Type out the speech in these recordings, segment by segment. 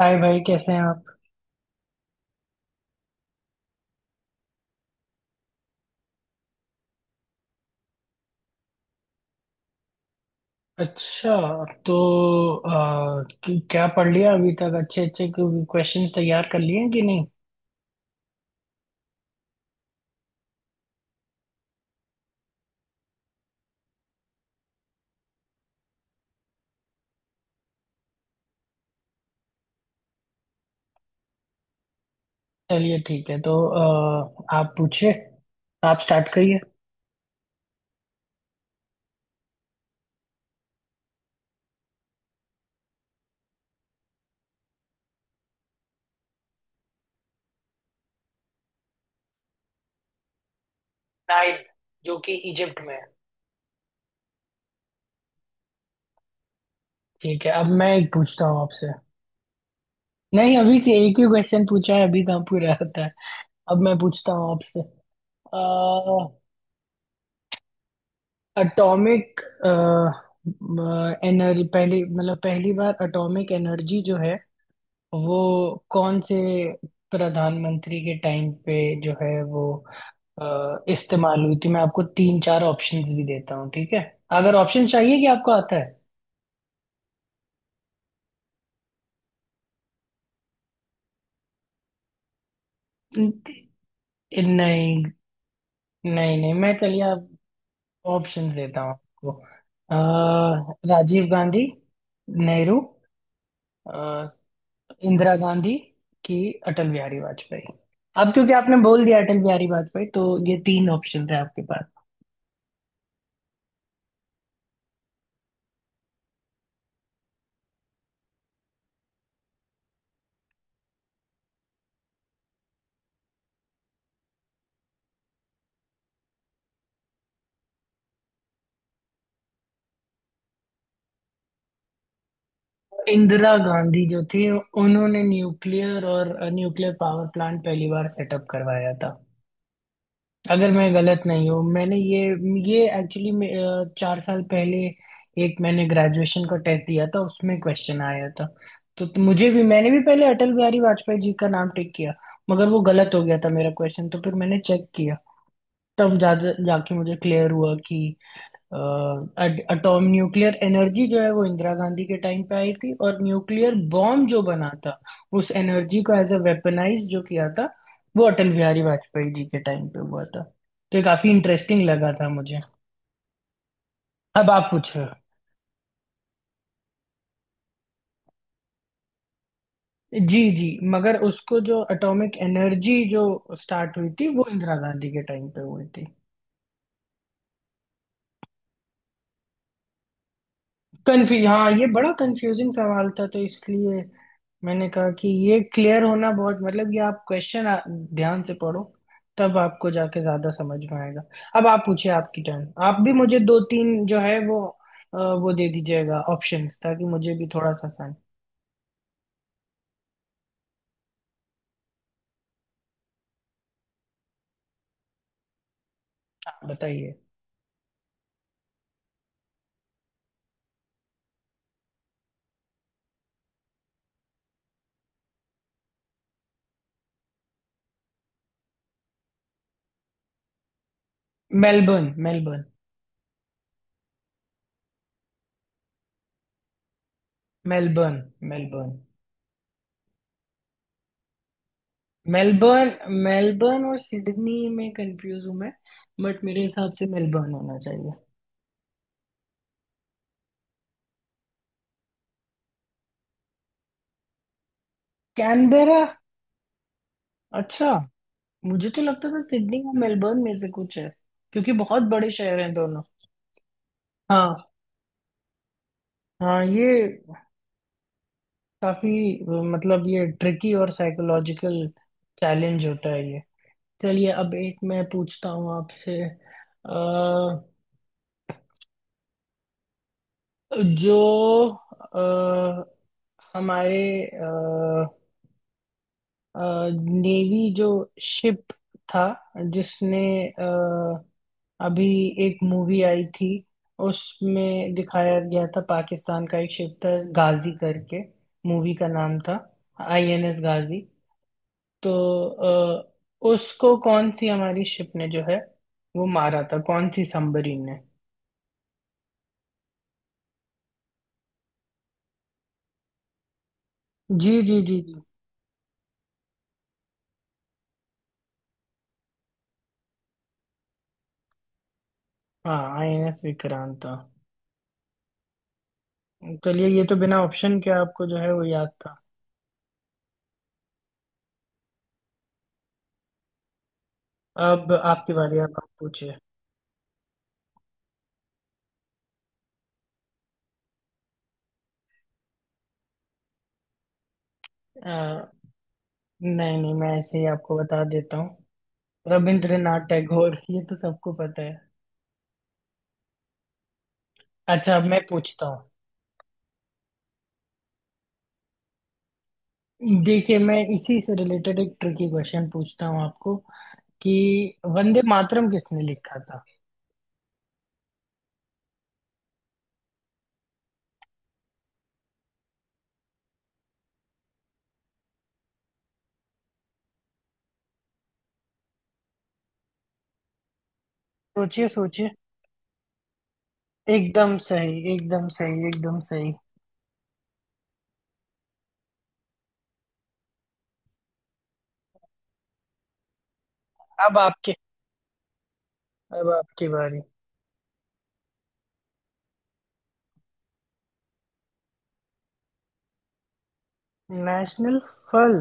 हाय भाई, कैसे हैं आप। अच्छा। तो क्या पढ़ लिया अभी तक, अच्छे अच्छे क्वेश्चंस तैयार कर लिए हैं कि नहीं। चलिए ठीक है। तो आप पूछिए। आप स्टार्ट करिए। नाइन, जो कि इजिप्ट में है। ठीक है, अब मैं एक पूछता हूँ आपसे। नहीं, अभी तो एक ही क्वेश्चन पूछा है, अभी कहाँ पूरा होता है। अब मैं पूछता हूँ आपसे। एटॉमिक एनर्जी पहली, मतलब पहली बार एटॉमिक एनर्जी जो है वो कौन से प्रधानमंत्री के टाइम पे जो है वो इस्तेमाल हुई थी। मैं आपको तीन चार ऑप्शंस भी देता हूँ, ठीक है। अगर ऑप्शन चाहिए कि आपको आता है। नहीं नहीं नहीं, मैं, चलिए आप। ऑप्शंस देता हूँ आपको। राजीव गांधी, नेहरू, अ, इंदिरा गांधी की, अटल बिहारी वाजपेयी। अब क्योंकि आपने बोल दिया अटल बिहारी वाजपेयी, तो ये तीन ऑप्शन थे आपके। इंदिरा गांधी जो थी, उन्होंने न्यूक्लियर और न्यूक्लियर पावर प्लांट पहली बार सेटअप करवाया था, अगर मैं गलत नहीं हूँ। मैंने ये एक्चुअली 4 साल पहले एक मैंने ग्रेजुएशन का टेस्ट दिया था, उसमें क्वेश्चन आया था। तो मुझे भी, मैंने भी पहले अटल बिहारी वाजपेयी जी का नाम टिक किया, मगर वो गलत हो गया था मेरा क्वेश्चन। तो फिर मैंने चेक किया, तब जा जाके मुझे क्लियर हुआ कि एटॉम न्यूक्लियर एनर्जी जो है वो इंदिरा गांधी के टाइम पे आई थी, और न्यूक्लियर बॉम्ब जो बना था, उस एनर्जी को एज अ वेपनाइज जो किया था, वो अटल बिहारी वाजपेयी जी के टाइम पे हुआ था। तो ये काफी इंटरेस्टिंग लगा था मुझे। अब आप पूछ रहे हो, जी जी, मगर उसको जो एटॉमिक एनर्जी जो स्टार्ट हुई थी वो इंदिरा गांधी के टाइम पे हुई थी। कंफ्यू हाँ, ये बड़ा कंफ्यूजिंग सवाल था तो इसलिए मैंने कहा कि ये क्लियर होना बहुत, मतलब ये आप क्वेश्चन ध्यान से पढ़ो तब आपको जाके ज्यादा समझ में आएगा। अब आप पूछिए, आपकी टर्न। आप भी मुझे दो तीन जो है वो वो दे दीजिएगा ऑप्शंस ताकि मुझे भी थोड़ा सा आसान। हाँ, बताइए। Melbourne. Melbourne. Melbourne. Melbourne. Melbourne. Melbourne और सिडनी में कंफ्यूज हूँ मैं, बट मेरे हिसाब से मेलबर्न होना चाहिए। कैनबेरा। अच्छा। मुझे तो लगता था सिडनी और मेलबर्न में से कुछ है, क्योंकि बहुत बड़े शहर हैं दोनों। हाँ। हाँ, ये काफी, मतलब ये ट्रिकी और साइकोलॉजिकल चैलेंज होता है ये। चलिए अब एक मैं पूछता हूँ आपसे। अ, जो अ, हमारे नेवी जो शिप था, जिसने अभी, एक मूवी आई थी उसमें दिखाया गया था, पाकिस्तान का एक शिप था गाजी करके, मूवी का नाम था आईएनएस गाजी। तो अ, उसको कौन सी हमारी शिप ने जो है वो मारा था, कौन सी सबमरीन ने। जी जी जी जी, हाँ, आईएनएस विक्रांत था। चलिए, ये तो बिना ऑप्शन के आपको जो है वो याद था। अब आपकी बारी, अब आप पूछिए। अ, नहीं नहीं, मैं ऐसे ही आपको बता देता हूँ। रविंद्रनाथ टैगोर, ये तो सबको पता है। अच्छा अब मैं पूछता हूँ। देखिए मैं इसी से रिलेटेड एक ट्रिकी क्वेश्चन पूछता हूँ आपको, कि वंदे मातरम किसने लिखा था। सोचिए सोचिए। एकदम सही एकदम सही एकदम सही। अब आपके, अब आपकी बारी। नेशनल फल।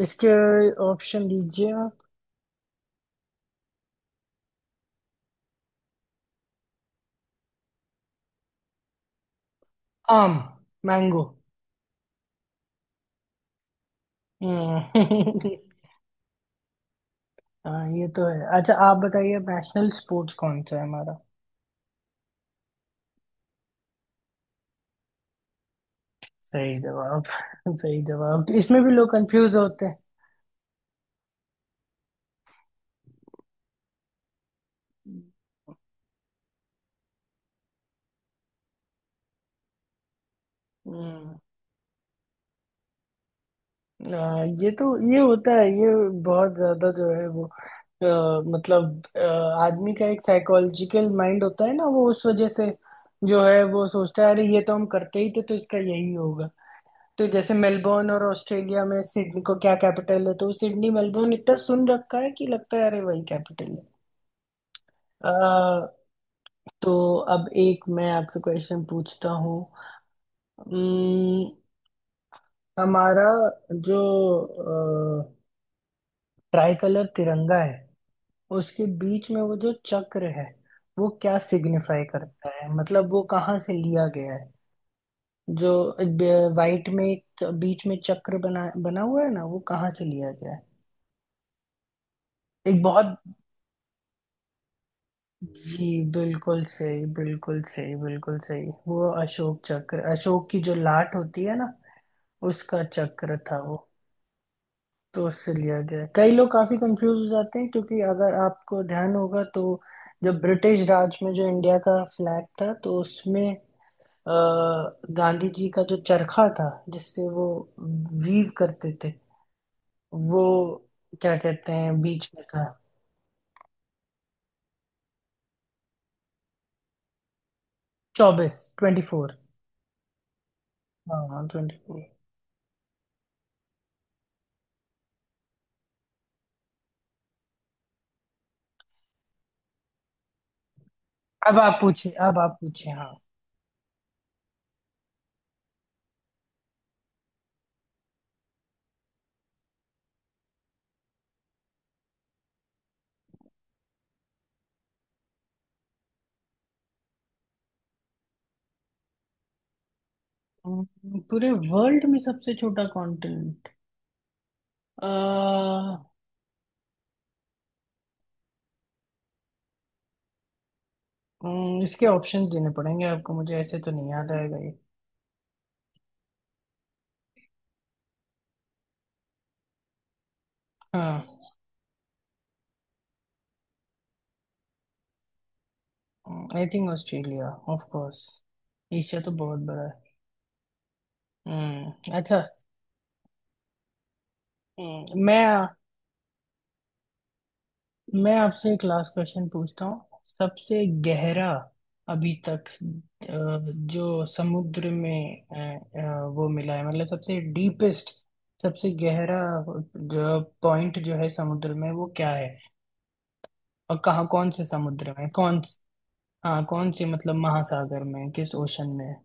इसके ऑप्शन दीजिए आप। आम। मैंगो। हम्म। हाँ, ये तो है। अच्छा आप बताइए नेशनल स्पोर्ट्स कौन सा है हमारा। सही जवाब। सही जवाब, तो इसमें भी लोग कंफ्यूज होते हैं। हम्म, ये तो, ये होता है ये, बहुत ज्यादा जो है वो, मतलब आदमी का एक साइकोलॉजिकल माइंड होता है ना वो, उस वजह से जो है वो सोचता है अरे ये तो हम करते ही थे तो इसका यही होगा। तो जैसे मेलबोर्न और ऑस्ट्रेलिया में सिडनी को क्या कैपिटल है, तो सिडनी मेलबोर्न इतना सुन रखा है कि लगता है अरे वही कैपिटल है। अ, तो अब एक मैं आपसे क्वेश्चन पूछता हूँ। हम्म, हमारा जो ट्राई कलर तिरंगा है, उसके बीच में वो जो चक्र है, वो क्या सिग्निफाई करता है, मतलब वो कहाँ से लिया गया है। जो वाइट में एक बीच में चक्र बना बना हुआ है ना, वो कहाँ से लिया गया है। एक बहुत, जी, बिल्कुल सही बिल्कुल सही बिल्कुल सही, वो अशोक चक्र, अशोक की जो लाट होती है ना, उसका चक्र था वो, तो उससे लिया गया है। कई लोग काफी कंफ्यूज हो जाते हैं क्योंकि अगर आपको ध्यान होगा तो जब ब्रिटिश राज में जो इंडिया का फ्लैग था तो उसमें अ, गांधी जी का जो चरखा था, जिससे वो वीव करते थे, वो क्या कहते हैं, बीच में था। 24, 24। हाँ हाँ, 24। अब आप पूछिए, अब आप पूछिए। हाँ, पूरे वर्ल्ड में सबसे छोटा कॉन्टिनेंट, इसके ऑप्शंस देने पड़ेंगे आपको, मुझे ऐसे तो नहीं याद आएगा। हम्म I think Australia, of course, Asia तो बहुत बड़ा है। हम्म। अच्छा। हम्म, मैं मैं आपसे एक लास्ट क्वेश्चन पूछता हूँ, सबसे गहरा अभी तक जो समुद्र में वो मिला है मतलब सबसे डीपेस्ट, सबसे गहरा जो पॉइंट जो है समुद्र में वो क्या है, और कहाँ, कौन से समुद्र में कौन। हाँ, कौन से मतलब महासागर में, किस ओशन में।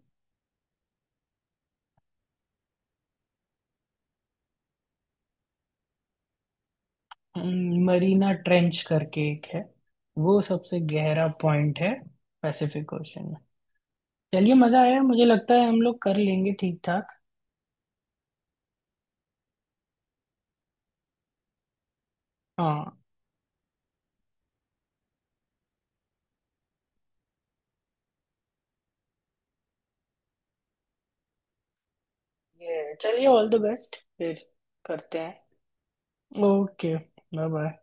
मरीना ट्रेंच करके एक है, वो सबसे गहरा पॉइंट है, पैसिफिक ओशन में। चलिए, मजा आया। मुझे लगता है हम लोग कर लेंगे ठीक ठाक। हाँ ये चलिए, ऑल द बेस्ट फिर करते हैं। ओके। Bye bye.